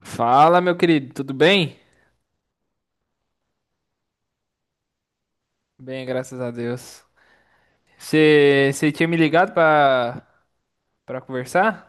Fala, meu querido, tudo bem? Bem, graças a Deus. Você tinha me ligado pra conversar?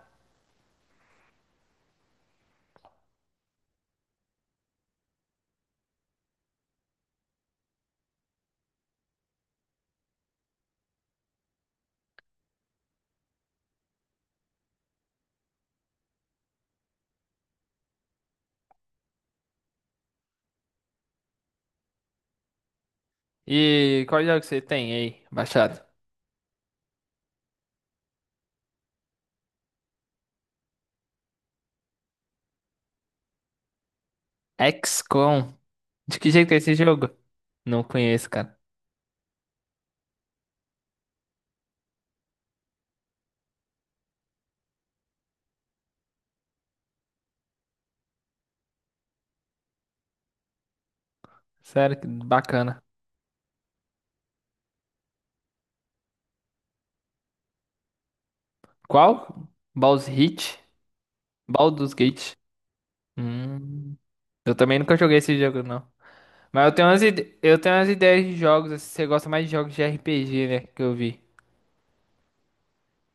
E qual jogo você tem aí, baixado? XCOM. De que jeito é esse jogo? Não conheço, cara. Sério, que bacana. Qual? Baldur's Gate? Baldur's Gate. Hum, eu também nunca joguei esse jogo, não. Mas eu tenho umas, eu tenho umas ideias de jogos, assim, você gosta mais de jogos de RPG, né, que eu vi.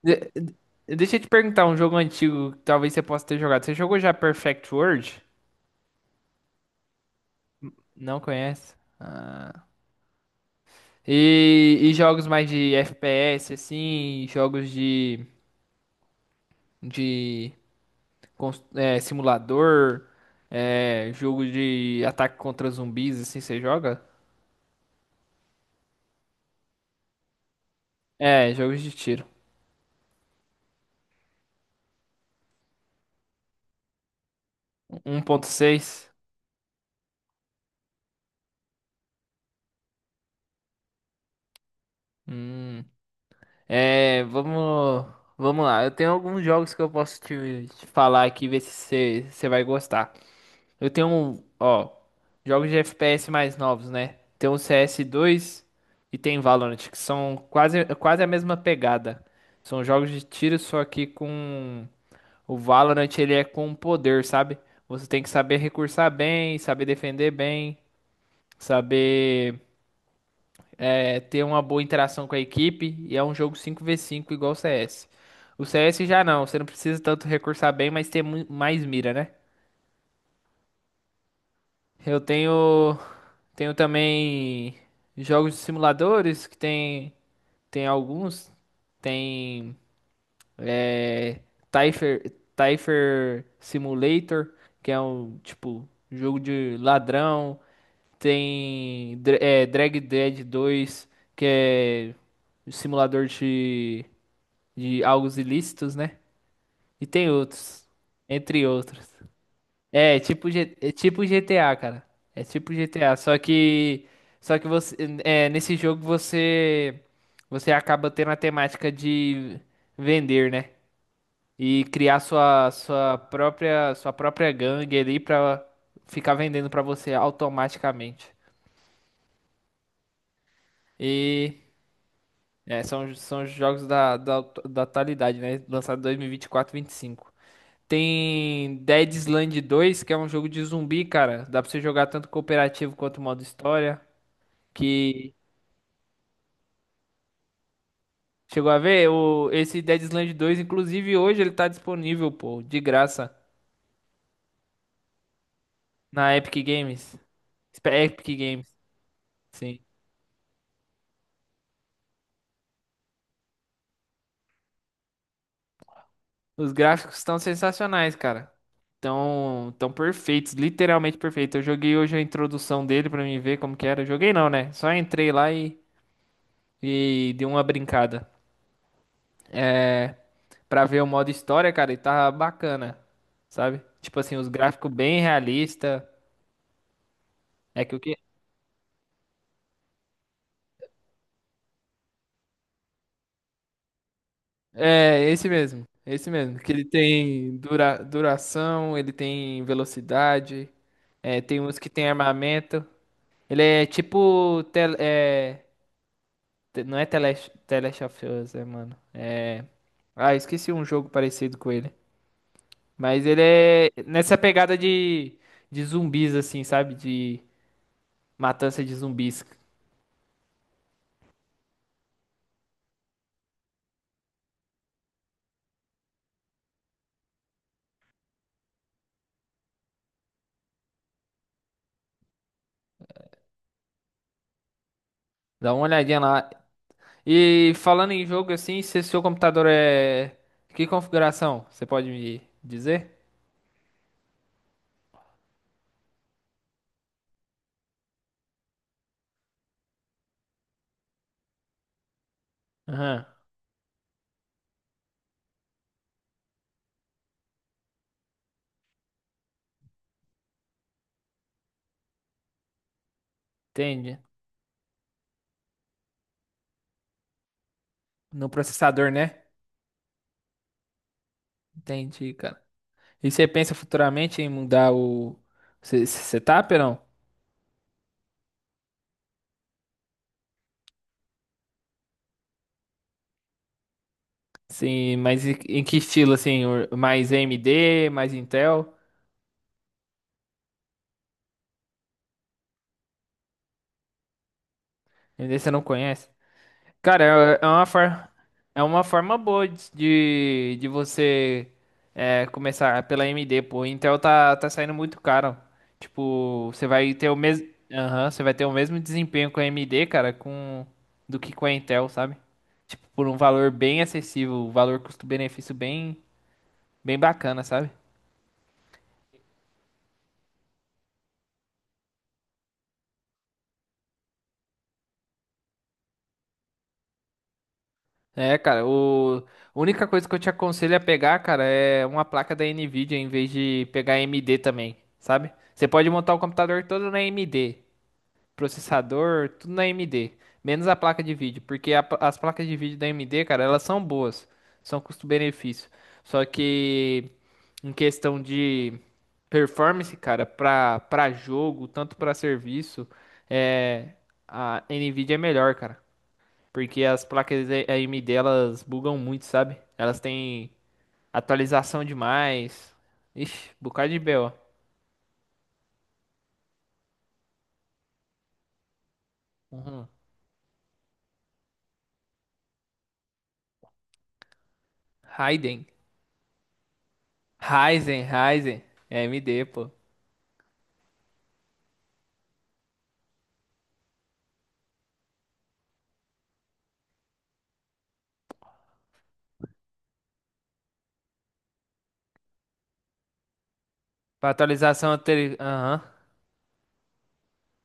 De- de- Deixa eu te perguntar um jogo antigo que talvez você possa ter jogado. Você jogou já Perfect World? Não conhece? Ah. E jogos mais de FPS, assim, jogos de simulador, jogo de ataque contra zumbis, assim, você joga? É, jogos de tiro. 1.6. Hum. É, vamos, vamos lá. Eu tenho alguns jogos que eu posso te falar aqui, ver se você vai gostar. Eu tenho, ó, jogos de FPS mais novos, né? Tem o CS2 e tem Valorant, que são quase a mesma pegada. São jogos de tiro, só que com o Valorant ele é com poder, sabe? Você tem que saber recursar bem, saber defender bem, saber é, ter uma boa interação com a equipe, e é um jogo 5v5 igual o CS. O CS já não, você não precisa tanto recursar bem, mas ter mais mira, né? Eu tenho. Tenho também jogos de simuladores que tem alguns, tem é, Typher, Typher Simulator, que é um tipo jogo de ladrão, tem Drag Dead 2, que é um simulador de algos ilícitos, né? E tem outros, entre outros. É, tipo, é tipo GTA, cara. É tipo GTA, só que você é, nesse jogo você acaba tendo a temática de vender, né? E criar sua própria gangue ali pra ficar vendendo pra você automaticamente. E é, são os jogos da atualidade, né? Lançado em 2024, 25. Tem Dead Island 2, que é um jogo de zumbi, cara. Dá pra você jogar tanto cooperativo quanto modo história. Que chegou a ver o esse Dead Island 2, inclusive hoje ele tá disponível, pô, de graça na Epic Games. Epic Games, sim. Os gráficos estão sensacionais, cara. Tão perfeitos, literalmente perfeitos. Eu joguei hoje a introdução dele pra mim ver como que era. Joguei não, né? Só entrei lá e dei uma brincada. É, pra ver o modo história, cara, e tava bacana, sabe? Tipo assim, os gráficos bem realista. É que o que É, esse mesmo. Esse mesmo. Que ele tem duração, ele tem velocidade, é, tem uns que tem armamento. Ele é tipo. Não é tele Last The Last of Us, é, mano. É. Ah, esqueci um jogo parecido com ele. Mas ele é nessa pegada de zumbis, assim, sabe? De matança de zumbis. Dá uma olhadinha lá. E falando em jogo assim, se seu computador é. Que configuração? Você pode me dizer? Aham, entende. No processador, né? Entendi, cara. E você pensa futuramente em mudar o setup ou não? Sim, mas em que estilo assim? Mais AMD, mais Intel? AMD você não conhece? Cara, é é uma forma, é uma forma boa de você é, começar pela AMD, pô. Intel tá saindo muito caro. Tipo, você vai ter o mesmo, aham, você vai ter o mesmo desempenho com a AMD, cara, com do que com a Intel, sabe? Tipo, por um valor bem acessível, valor custo-benefício bem bacana, sabe? É, cara, o a única coisa que eu te aconselho a pegar, cara, é uma placa da Nvidia em vez de pegar AMD também, sabe? Você pode montar o computador todo na AMD, processador, tudo na AMD, menos a placa de vídeo, porque a as placas de vídeo da AMD, cara, elas são boas, são custo-benefício. Só que em questão de performance, cara, pra jogo, tanto pra serviço, é a Nvidia é melhor, cara. Porque as placas AMD elas bugam muito, sabe? Elas têm atualização demais. Ixi, bocado de BO. Uhum. Raiden. Ryzen. É AMD, pô. Pra atualização anterior. Aham.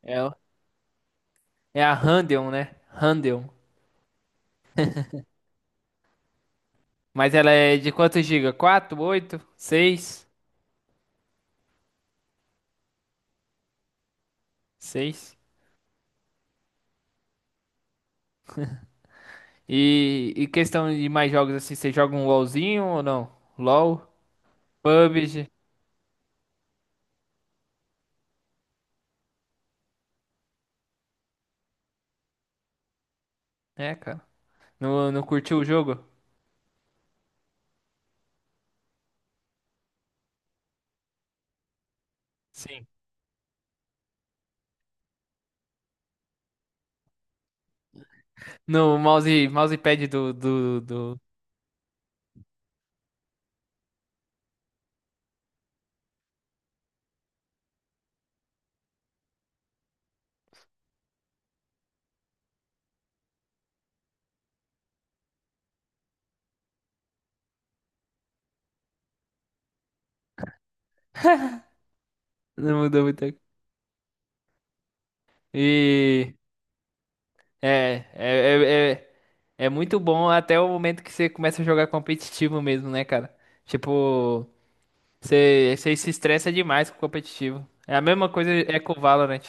É, é a Radeon, né? Radeon. Mas ela é de quantos giga? Quatro, oito, seis, seis. E questão de mais jogos assim, você joga um LOLzinho ou não? LOL? PUBG? É, cara. Não, não curtiu o jogo? Sim. No mouse, mousepad do... Não mudou muita coisa. E É, é, é, é, é muito bom até o momento que você começa a jogar competitivo mesmo, né, cara? Tipo, você se estressa demais com competitivo. É a mesma coisa é com o Valorant.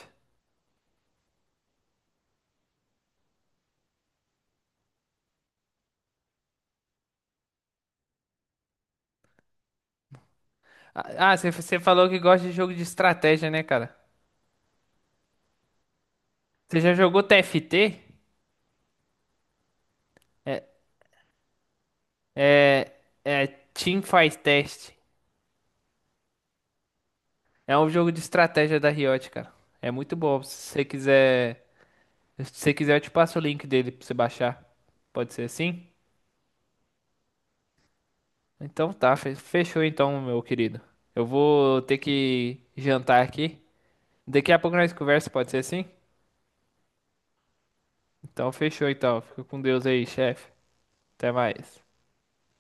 Você, você falou que gosta de jogo de estratégia, né, cara? Você já jogou TFT? É, é, é Team Fight Test. É um jogo de estratégia da Riot, cara. É muito bom. Se você quiser Se você quiser, eu te passo o link dele pra você baixar. Pode ser assim? Então tá, fechou então, meu querido. Eu vou ter que jantar aqui. Daqui a pouco nós conversa, pode ser assim? Então fechou então. Fica com Deus aí, chefe. Até mais.